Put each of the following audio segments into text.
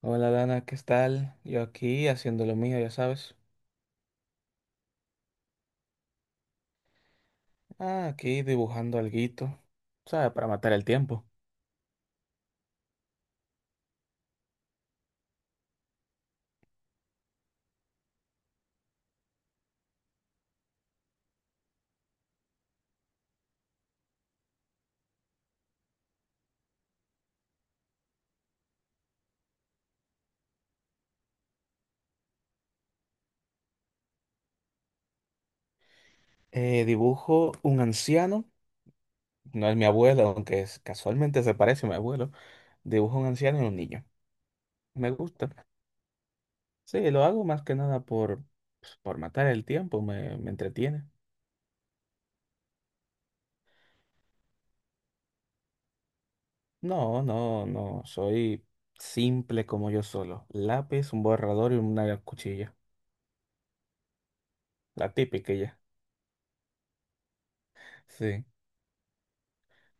Hola Dana, ¿qué tal? Yo aquí haciendo lo mío, ya sabes. Ah, aquí dibujando alguito, ¿sabes? Para matar el tiempo. Dibujo un anciano, no es mi abuelo, aunque es- casualmente se parece a mi abuelo. Dibujo un anciano y un niño. Me gusta. Sí, lo hago más que nada por, pues, por matar el tiempo, me entretiene. No, no, no, soy simple como yo solo. Lápiz, un borrador y una cuchilla. La típica ya. Sí.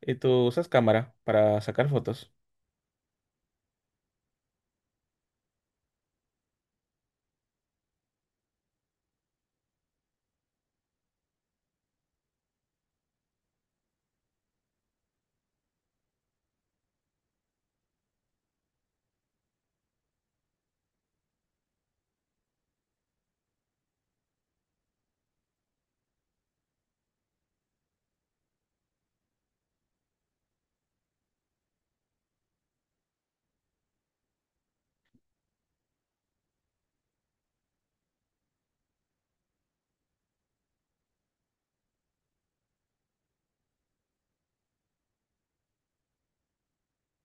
¿Y tú usas cámara para sacar fotos?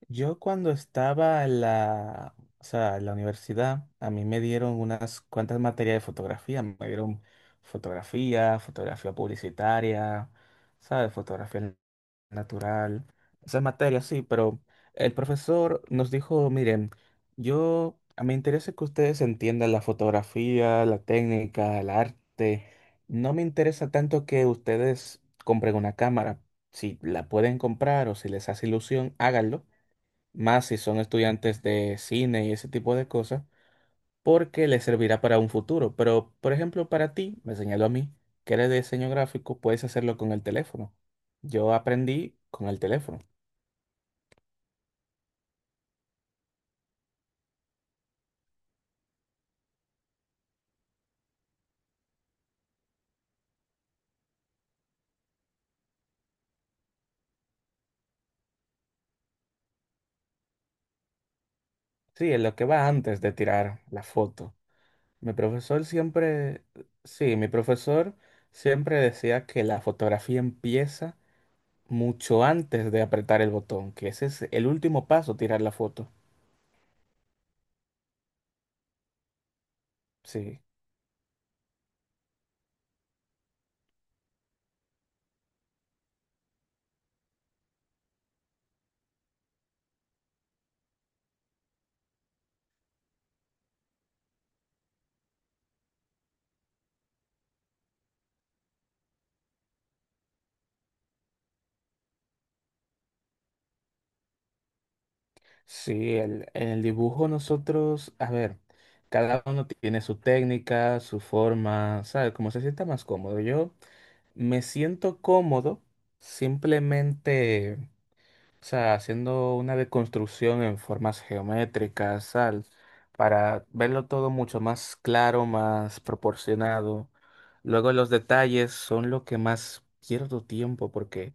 Yo cuando estaba en o sea, en la universidad, a mí me dieron unas cuantas materias de fotografía. Me dieron fotografía, fotografía publicitaria, ¿sabes? Fotografía natural. Esas materias sí, pero el profesor nos dijo, miren, yo, a me interesa que ustedes entiendan la fotografía, la técnica, el arte. No me interesa tanto que ustedes compren una cámara. Si la pueden comprar o si les hace ilusión, háganlo más si son estudiantes de cine y ese tipo de cosas, porque les servirá para un futuro. Pero, por ejemplo, para ti, me señaló a mí, que eres de diseño gráfico, puedes hacerlo con el teléfono. Yo aprendí con el teléfono. Sí, es lo que va antes de tirar la foto. Mi profesor siempre, sí, mi profesor siempre decía que la fotografía empieza mucho antes de apretar el botón, que ese es el último paso, tirar la foto. Sí. Sí, el- en el dibujo nosotros, a ver, cada uno tiene su técnica, su forma, ¿sabes? Como se sienta más cómodo. Yo me siento cómodo simplemente, o sea, haciendo una deconstrucción en formas geométricas, ¿sabes? Para verlo todo mucho más claro, más proporcionado. Luego los detalles son lo que más pierdo tiempo porque...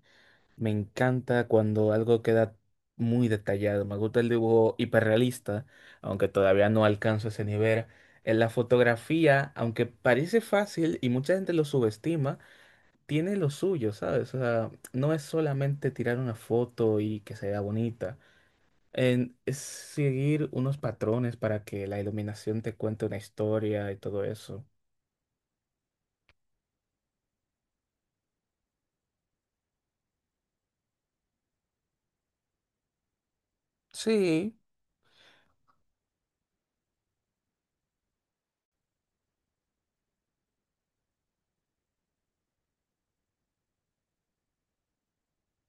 Me encanta cuando algo queda muy detallado. Me gusta el dibujo hiperrealista, aunque todavía no alcanzo ese nivel. En la fotografía, aunque parece fácil y mucha gente lo subestima, tiene lo suyo, ¿sabes? O sea, no es solamente tirar una foto y que se vea bonita. En- es seguir unos patrones para que la iluminación te cuente una historia y todo eso. Sí,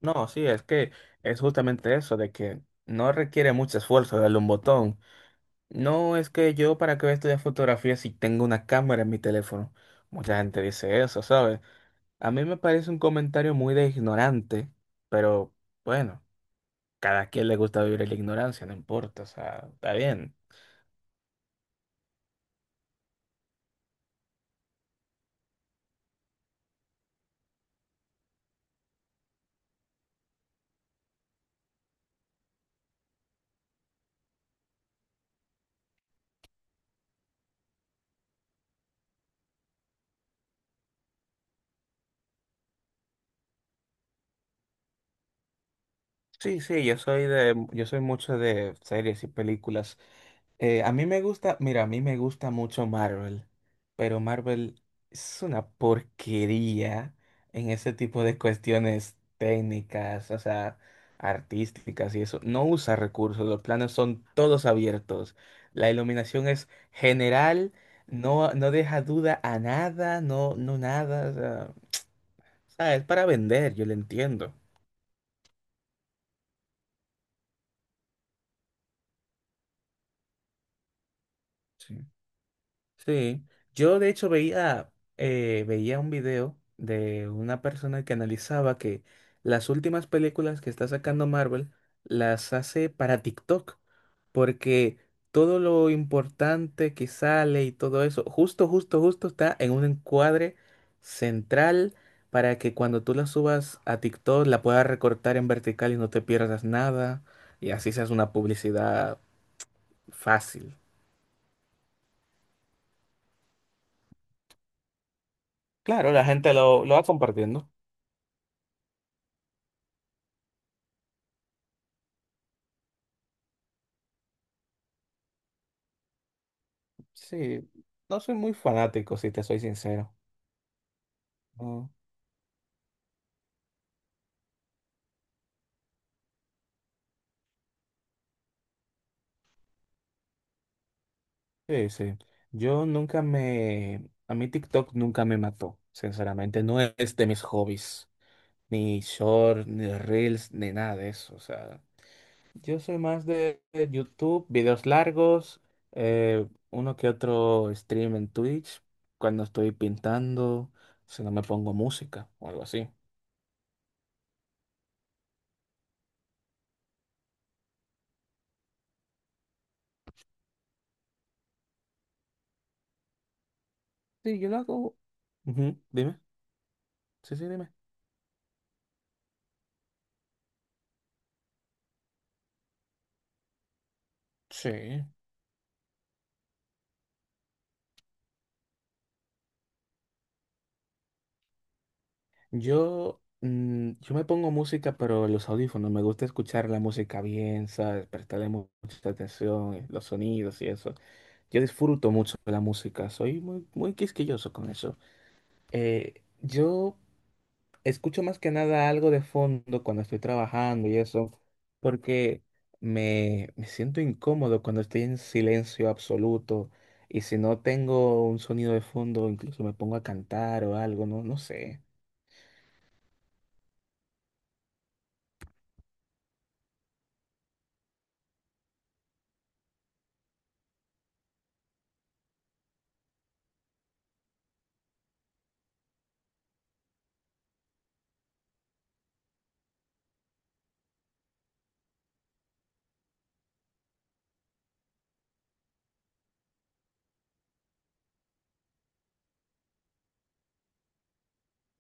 no, sí, es que es justamente eso, de que no requiere mucho esfuerzo darle un botón. No, es que yo para qué voy a estudiar fotografía si tengo una cámara en mi teléfono. Mucha gente dice eso, ¿sabes? A mí me parece un comentario muy de ignorante, pero bueno, cada quien le gusta vivir en la ignorancia, no importa, o sea, está bien. Sí, sí, yo soy de, yo soy mucho de series y películas. A mí me gusta, mira, a mí me gusta mucho Marvel, pero Marvel es una porquería en ese tipo de cuestiones técnicas, o sea, artísticas y eso. No usa recursos, los planos son todos abiertos, la iluminación es general, no, no deja duda a nada, no, no nada, o sea, es para vender, yo lo entiendo. Sí. Sí, yo de hecho veía, veía un video de una persona que analizaba que las últimas películas que está sacando Marvel las hace para TikTok, porque todo lo importante que sale y todo eso, justo, justo, justo está en un encuadre central para que cuando tú la subas a TikTok la puedas recortar en vertical y no te pierdas nada, y así seas una publicidad fácil. Claro, la gente lo va compartiendo. Sí, no soy muy fanático, si te soy sincero. No, sí, sí. Yo nunca me... A mí TikTok nunca me mató, sinceramente. No es de mis hobbies. Ni short, ni reels, ni nada de eso. O sea, yo soy más de YouTube, videos largos, uno que otro stream en Twitch, cuando estoy pintando, si no me pongo música o algo así. Sí, yo lo hago. Ujú, dime. Sí, sí, dime. Sí. Yo, mm, yo me pongo música, pero en los audífonos. Me gusta escuchar la música bien, ¿sabes? Prestarle mucha atención, los sonidos y eso. Yo disfruto mucho de la música, soy muy, muy quisquilloso con eso. Yo escucho más que nada algo de fondo cuando estoy trabajando y eso, porque me siento incómodo cuando estoy en silencio absoluto. Y si no tengo un sonido de fondo, incluso me pongo a cantar o algo, no, no sé.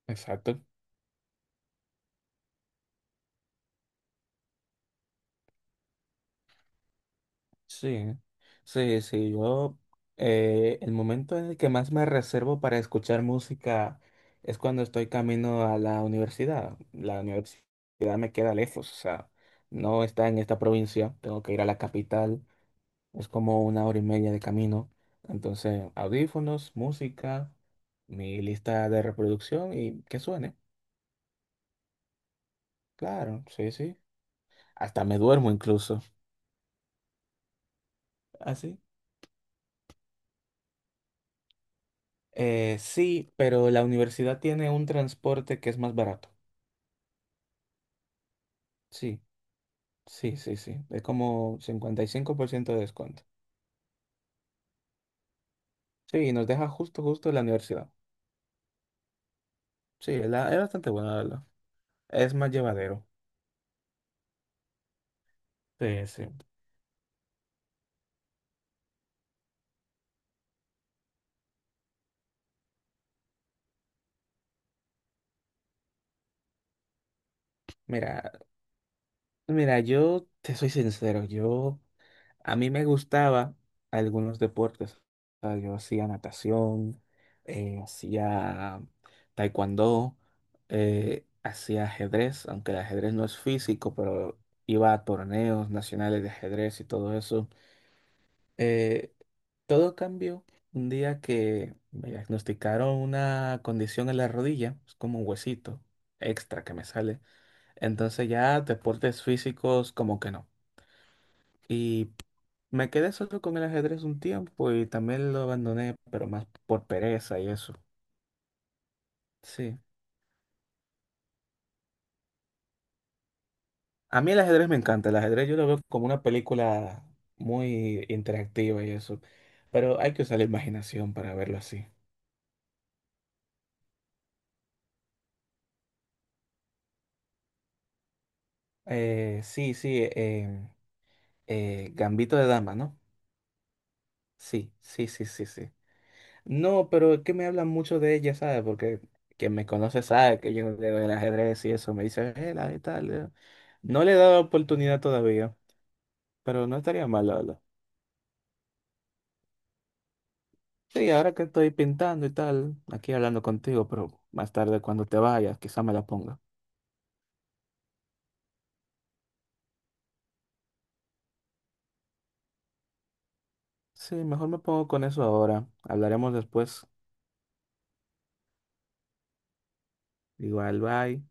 Exacto. Sí, sí, sí, yo el momento en el que más me reservo para escuchar música es cuando estoy camino a la universidad. La universidad me queda lejos, o sea, no está en esta provincia, tengo que ir a la capital, es como una hora y media de camino. Entonces, audífonos, música, mi lista de reproducción y que suene. Claro, sí, sí. Hasta me duermo incluso. Así. Sí, pero la universidad tiene un transporte que es más barato. Sí, sí, sí, sí. Es como 55% de descuento. Sí, y nos deja justo, justo la universidad. Sí, es, es bastante buena, la verdad. Es más llevadero. Sí, sí. Mira, mira, yo te soy sincero, yo a mí me gustaba algunos deportes. O sea, yo hacía natación, hacía taekwondo, hacía ajedrez, aunque el ajedrez no es físico, pero iba a torneos nacionales de ajedrez y todo eso. Eh, todo cambió un día que me diagnosticaron una condición en la rodilla, es como un huesito extra que me sale. Entonces ya deportes físicos como que no. Y me quedé solo con el ajedrez un tiempo y también lo abandoné, pero más por pereza y eso. Sí. A mí el ajedrez me encanta. El ajedrez yo lo veo como una película muy interactiva y eso. Pero hay que usar la imaginación para verlo así. Eh, sí, sí. em, Gambito de Dama, ¿no? Sí, sí, sí, sí, sí. No, pero es que me hablan mucho de ella, ¿sabes? Porque quien me conoce sabe que yo leo el ajedrez y eso. Me dice, la de tal. No le he dado oportunidad todavía. Pero no estaría mal, la verdad. Sí, ahora que estoy pintando y tal, aquí hablando contigo, pero más tarde cuando te vayas, quizá me la ponga. Sí, mejor me pongo con eso ahora. Hablaremos después. Igual, bye.